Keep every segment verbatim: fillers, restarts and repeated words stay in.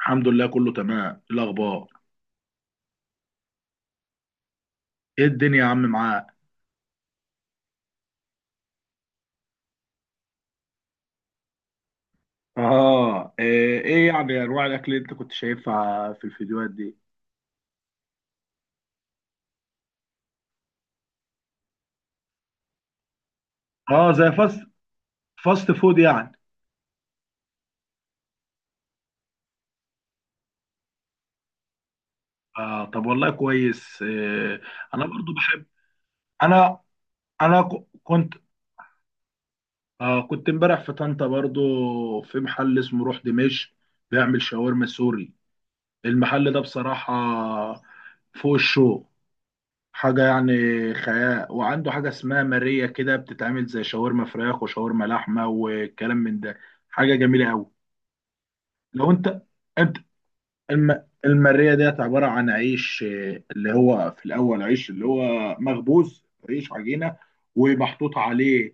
الحمد لله، كله تمام. إيه الاخبار؟ ايه الدنيا يا عم معاك؟ اه، ايه إيه يعني انواع الاكل اللي انت كنت شايفها في الفيديوهات دي؟ اه زي فاست فاست فود يعني. اه طب والله كويس. إيه، انا برضو بحب. انا انا ك- كنت آه كنت امبارح في طنطا برضو، في محل اسمه روح دمشق، بيعمل شاورما سوري. المحل ده بصراحة فوق الشو، حاجة يعني خيال. وعنده حاجة اسمها مارية، كده بتتعمل زي شاورما فراخ وشاورما لحمة والكلام من ده. حاجة جميلة أوي. لو أنت أنت الم... المارية ديت عبارة عن عيش، آه، اللي هو في الأول عيش، اللي هو مخبوز، عيش عجينة ومحطوط عليه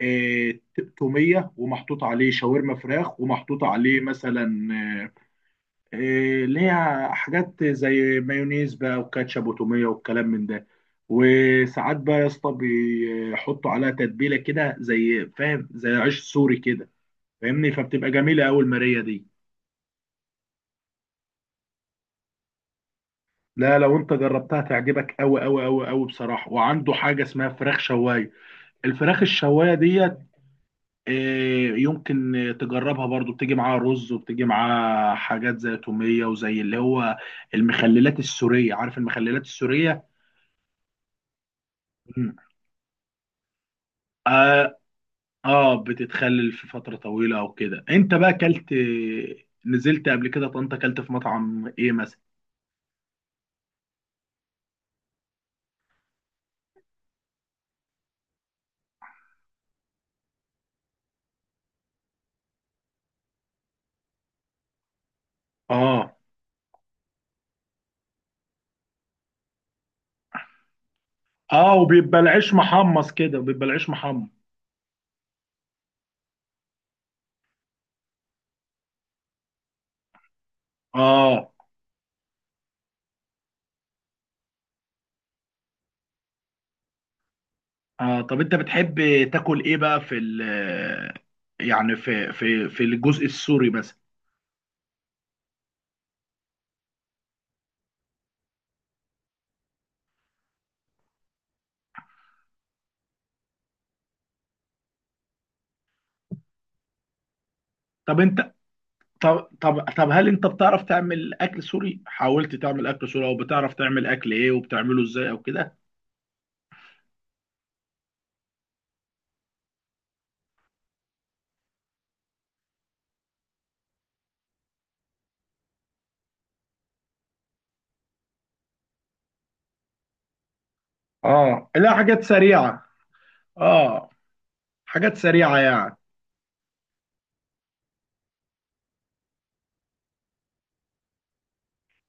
آه، تومية، ومحطوط عليه شاورما فراخ، ومحطوط عليه مثلا آه، إيه، ليها حاجات زي مايونيز بقى وكاتشب وتوميه والكلام من ده. وساعات بقى يا اسطى بيحطوا عليها تتبيله كده، زي فاهم، زي عيش سوري كده فاهمني، فبتبقى جميله قوي الماريه دي. لا، لو انت جربتها تعجبك قوي قوي قوي قوي بصراحه. وعنده حاجه اسمها فراخ شوايه، الفراخ الشوايه ديت إيه، يمكن آه، تجربها برضو. بتيجي معاها رز، وبتيجي معاها حاجات زي توميه، وزي اللي هو المخللات السوريه. عارف المخللات السوريه؟ مم. اه بتتخلل في فترة طويلة او كده. انت بقى كلت، نزلت قبل كده طنطا، كلت في مطعم ايه مثلا؟ اه. اه وبيبقى العيش محمص كده، بيبقى العيش محمص. اه. اه طب انت بتحب تاكل ايه بقى في ال، يعني في في في الجزء السوري مثلا؟ طب انت طب طب طب هل انت بتعرف تعمل اكل سوري؟ حاولت تعمل اكل سوري؟ او بتعرف تعمل اكل ايه وبتعمله ازاي او كده؟ اه، لا حاجات سريعة. اه حاجات سريعة يعني.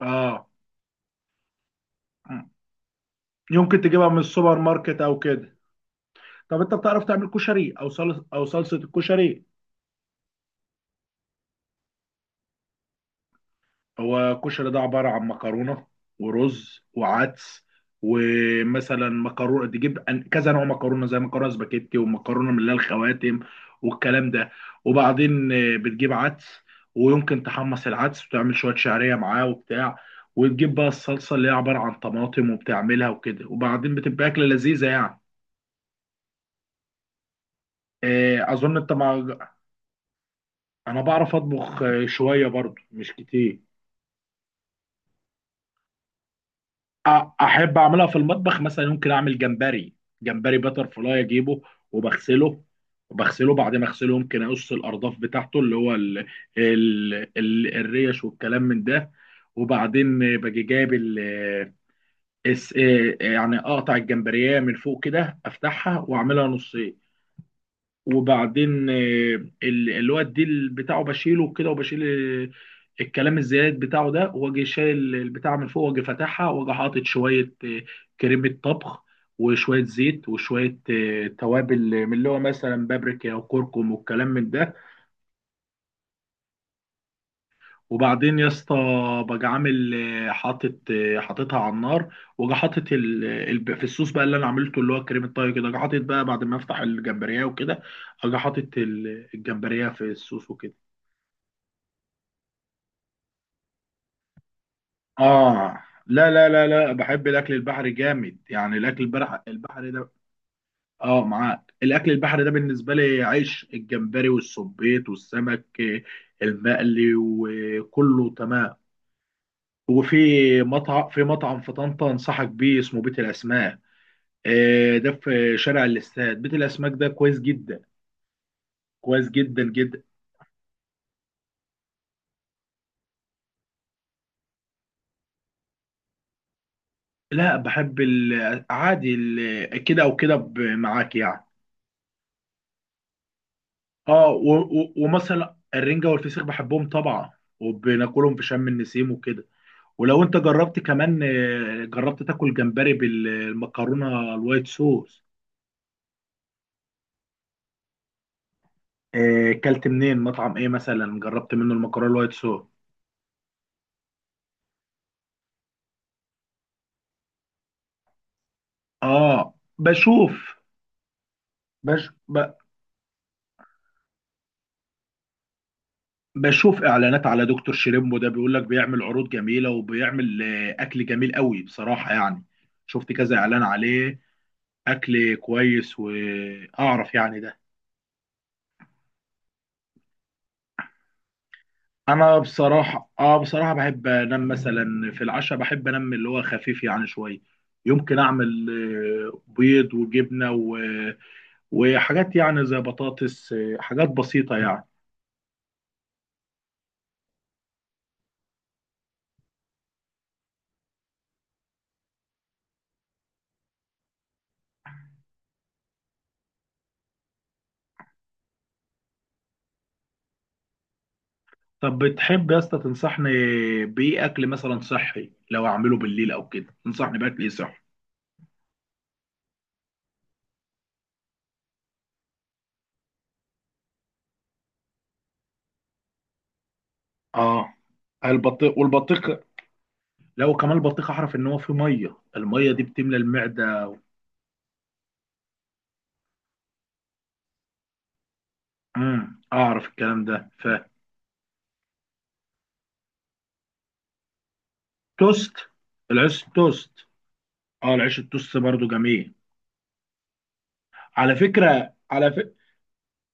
اه. مم. يمكن تجيبها من السوبر ماركت او كده. طب انت بتعرف تعمل كشري او صلصه، او صلصه الكشري؟ هو الكشري ده عباره عن مكرونه ورز وعدس. ومثلا مكرونه، تجيب أن- كذا نوع مكرونه زي مكرونه سباكيتي ومكرونه من اللي هي الخواتم والكلام ده. وبعدين آه، بتجيب عدس، ويمكن تحمص العدس وتعمل شويه شعريه معاه وبتاع، وتجيب بقى الصلصه اللي هي عباره عن طماطم، وبتعملها وكده، وبعدين بتبقى اكله لذيذه يعني. آه، اظن انت ما... انا بعرف اطبخ آه، شويه برضو، مش كتير. أ- احب اعملها في المطبخ مثلا ممكن اعمل جمبري. جمبري باتر فلاي اجيبه وبغسله وبغسله بعد ما اغسله ممكن اقص الارداف بتاعته اللي هو ال ال ال الريش والكلام من ده. وبعدين آه، باجي جايب ال آه، الس- آه، يعني اقطع الجمبريه من فوق كده، افتحها واعملها نصين. وبعدين آه، ال- الواد ديل بتاعه بشيله كده، وبشيل ال- الكلام الزياد بتاعه ده، واجي شايل البتاع من فوق، واجي فاتحها، واجي حاطط شويه آه، كريمه طبخ، وشويه زيت، وشويه آه، توابل من اللي هو مثلا بابريكا وكركم والكلام من ده. وبعدين يا اسطى باجي عامل آه، حاطط آه، حاططها على النار، واجي حاطط ال- ال- في الصوص بقى اللي انا عملته اللي هو كريمه طهي كده. اجي حاطط بقى بعد ما افتح الجمبريه وكده، اجي حاطط ال- الجمبريه في الصوص وكده. اه لا لا لا لا بحب الاكل البحري جامد يعني، الاكل البحري البحري ده. اه معاك، الاكل البحري ده بالنسبه لي عيش. الجمبري والسبيط والسمك المقلي وكله تمام. وفي مطعم في مطعم في طنطا انصحك بيه، اسمه بيت الاسماك، آه، ده في شارع الاستاد. بيت الاسماك ده كويس جدا، كويس جدا جدا. لا بحب ال- عادي ال- كده او كده، ب- معاك يعني. اه و... و... ومثلا الرنجة والفسيخ بحبهم طبعا، وبناكلهم في شم النسيم وكده. ولو انت جربت كمان آه، جربت تاكل جمبري بالمكرونة الوايت صوص. آه، كلت منين؟ مطعم ايه مثلا جربت منه المكرونة الوايت صوص؟ اه بشوف. بش... ب... بشوف اعلانات على دكتور شريمبو، ده بيقول لك بيعمل عروض جميلة، وبيعمل آه، اكل جميل قوي بصراحة يعني. شفت كذا اعلان عليه، اكل كويس، واعرف يعني ده. انا بصراحه اه بصراحه بحب انام مثلا. في العشاء بحب انام اللي هو خفيف يعني شويه. يمكن اعمل آه، بيض وجبنه و... وحاجات يعني زي بطاطس، آه، حاجات بسيطه يعني. طب بتحب يا اسطى تنصحني بايه؟ اكل مثلا صحي لو اعمله بالليل او كده، تنصحني باكل ايه صحي؟ اه. البطيخ والبطيخ لو كمان البطيخ، اعرف ان هو فيه ميه، الميه دي بتملى المعده. امم اعرف الكلام ده. فتوست. العيش توست. اه العيش التوست برضو جميل. على فكرة، على فكرة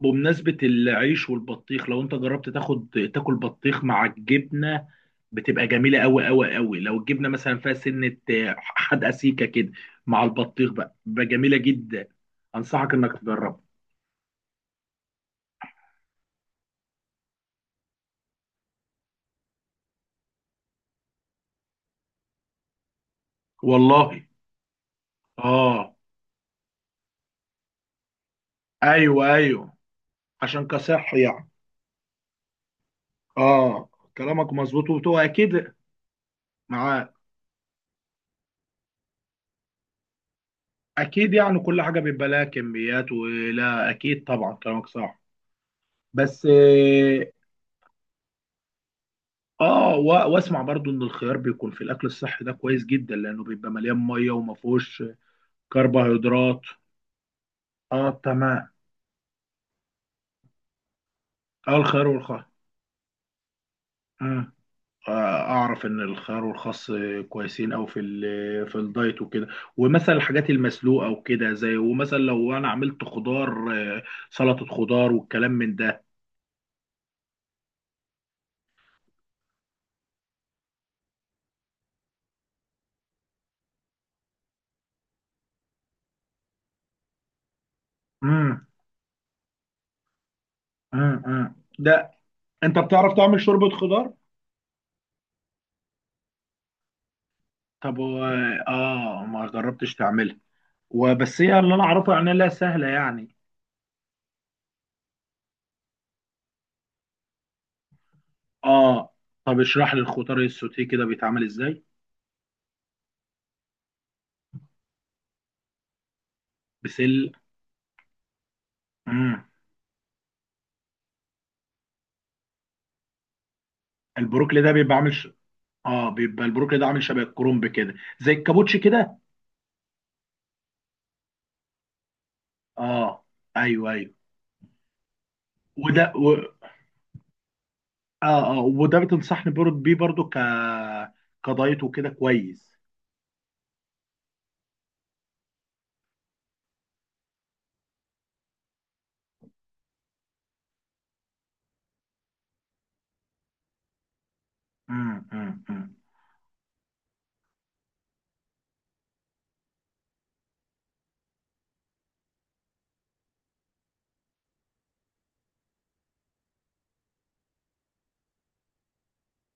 بمناسبة العيش والبطيخ، لو انت جربت تاخد تاكل بطيخ مع الجبنة، بتبقى جميلة قوي قوي قوي. لو الجبنة مثلا فيها سنة، آه، حدقة سيكة كده، مع البطيخ بقى بقى جميلة جدا. انصحك انك تجربها. والله. اه. ايوه ايوه. عشان كصح يعني. اه كلامك مظبوط وبتبقى اكيد معاك. اكيد يعني كل حاجة بيبقى لها كميات، ولا اكيد طبعا كلامك صح. بس اه. آه، و- واسمع برضو ان الخيار بيكون في الاكل الصحي ده كويس جدا، لانه بيبقى مليان ميه وما فيهوش كربوهيدرات. اه تمام. اه الخيار والخس. آه. آه، اعرف ان الخيار والخس كويسين او في ال- في الدايت وكده. ومثلا الحاجات المسلوقه وكده، زي ومثلا لو انا عملت خضار، آه، سلطه خضار والكلام من ده. امم امم ده. انت بتعرف تعمل شوربه خضار؟ طب و- اه ما جربتش تعملها. وبس هي اللي انا اعرفه يعني، لا سهله يعني. اه. طب اشرح لي الخضار السوتيه كده بيتعمل ازاي؟ بسل امم. البروكلي ده بيبقى عامل ش... اه بيبقى البروكلي ده عامل شبه الكرنب كده، زي الكابوتشي كده. اه ايوه ايوه. وده و... اه اه وده بتنصحني بر- بيه برضو ك كدايت وكده كويس؟ امم امم أمم.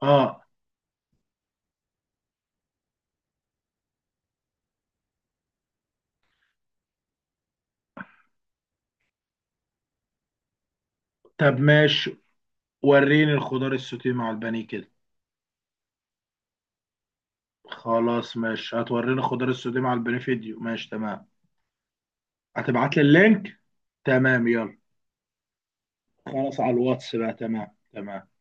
اه طب ماشي. وريني الخضار السوتيه مع البانيه كده. خلاص ماشي، هتوريني الخضار السوتيه مع البانيه فيديو ماشي تمام. هتبعت لي اللينك، تمام يلا. خلاص على الواتس بقى، تمام. تمام.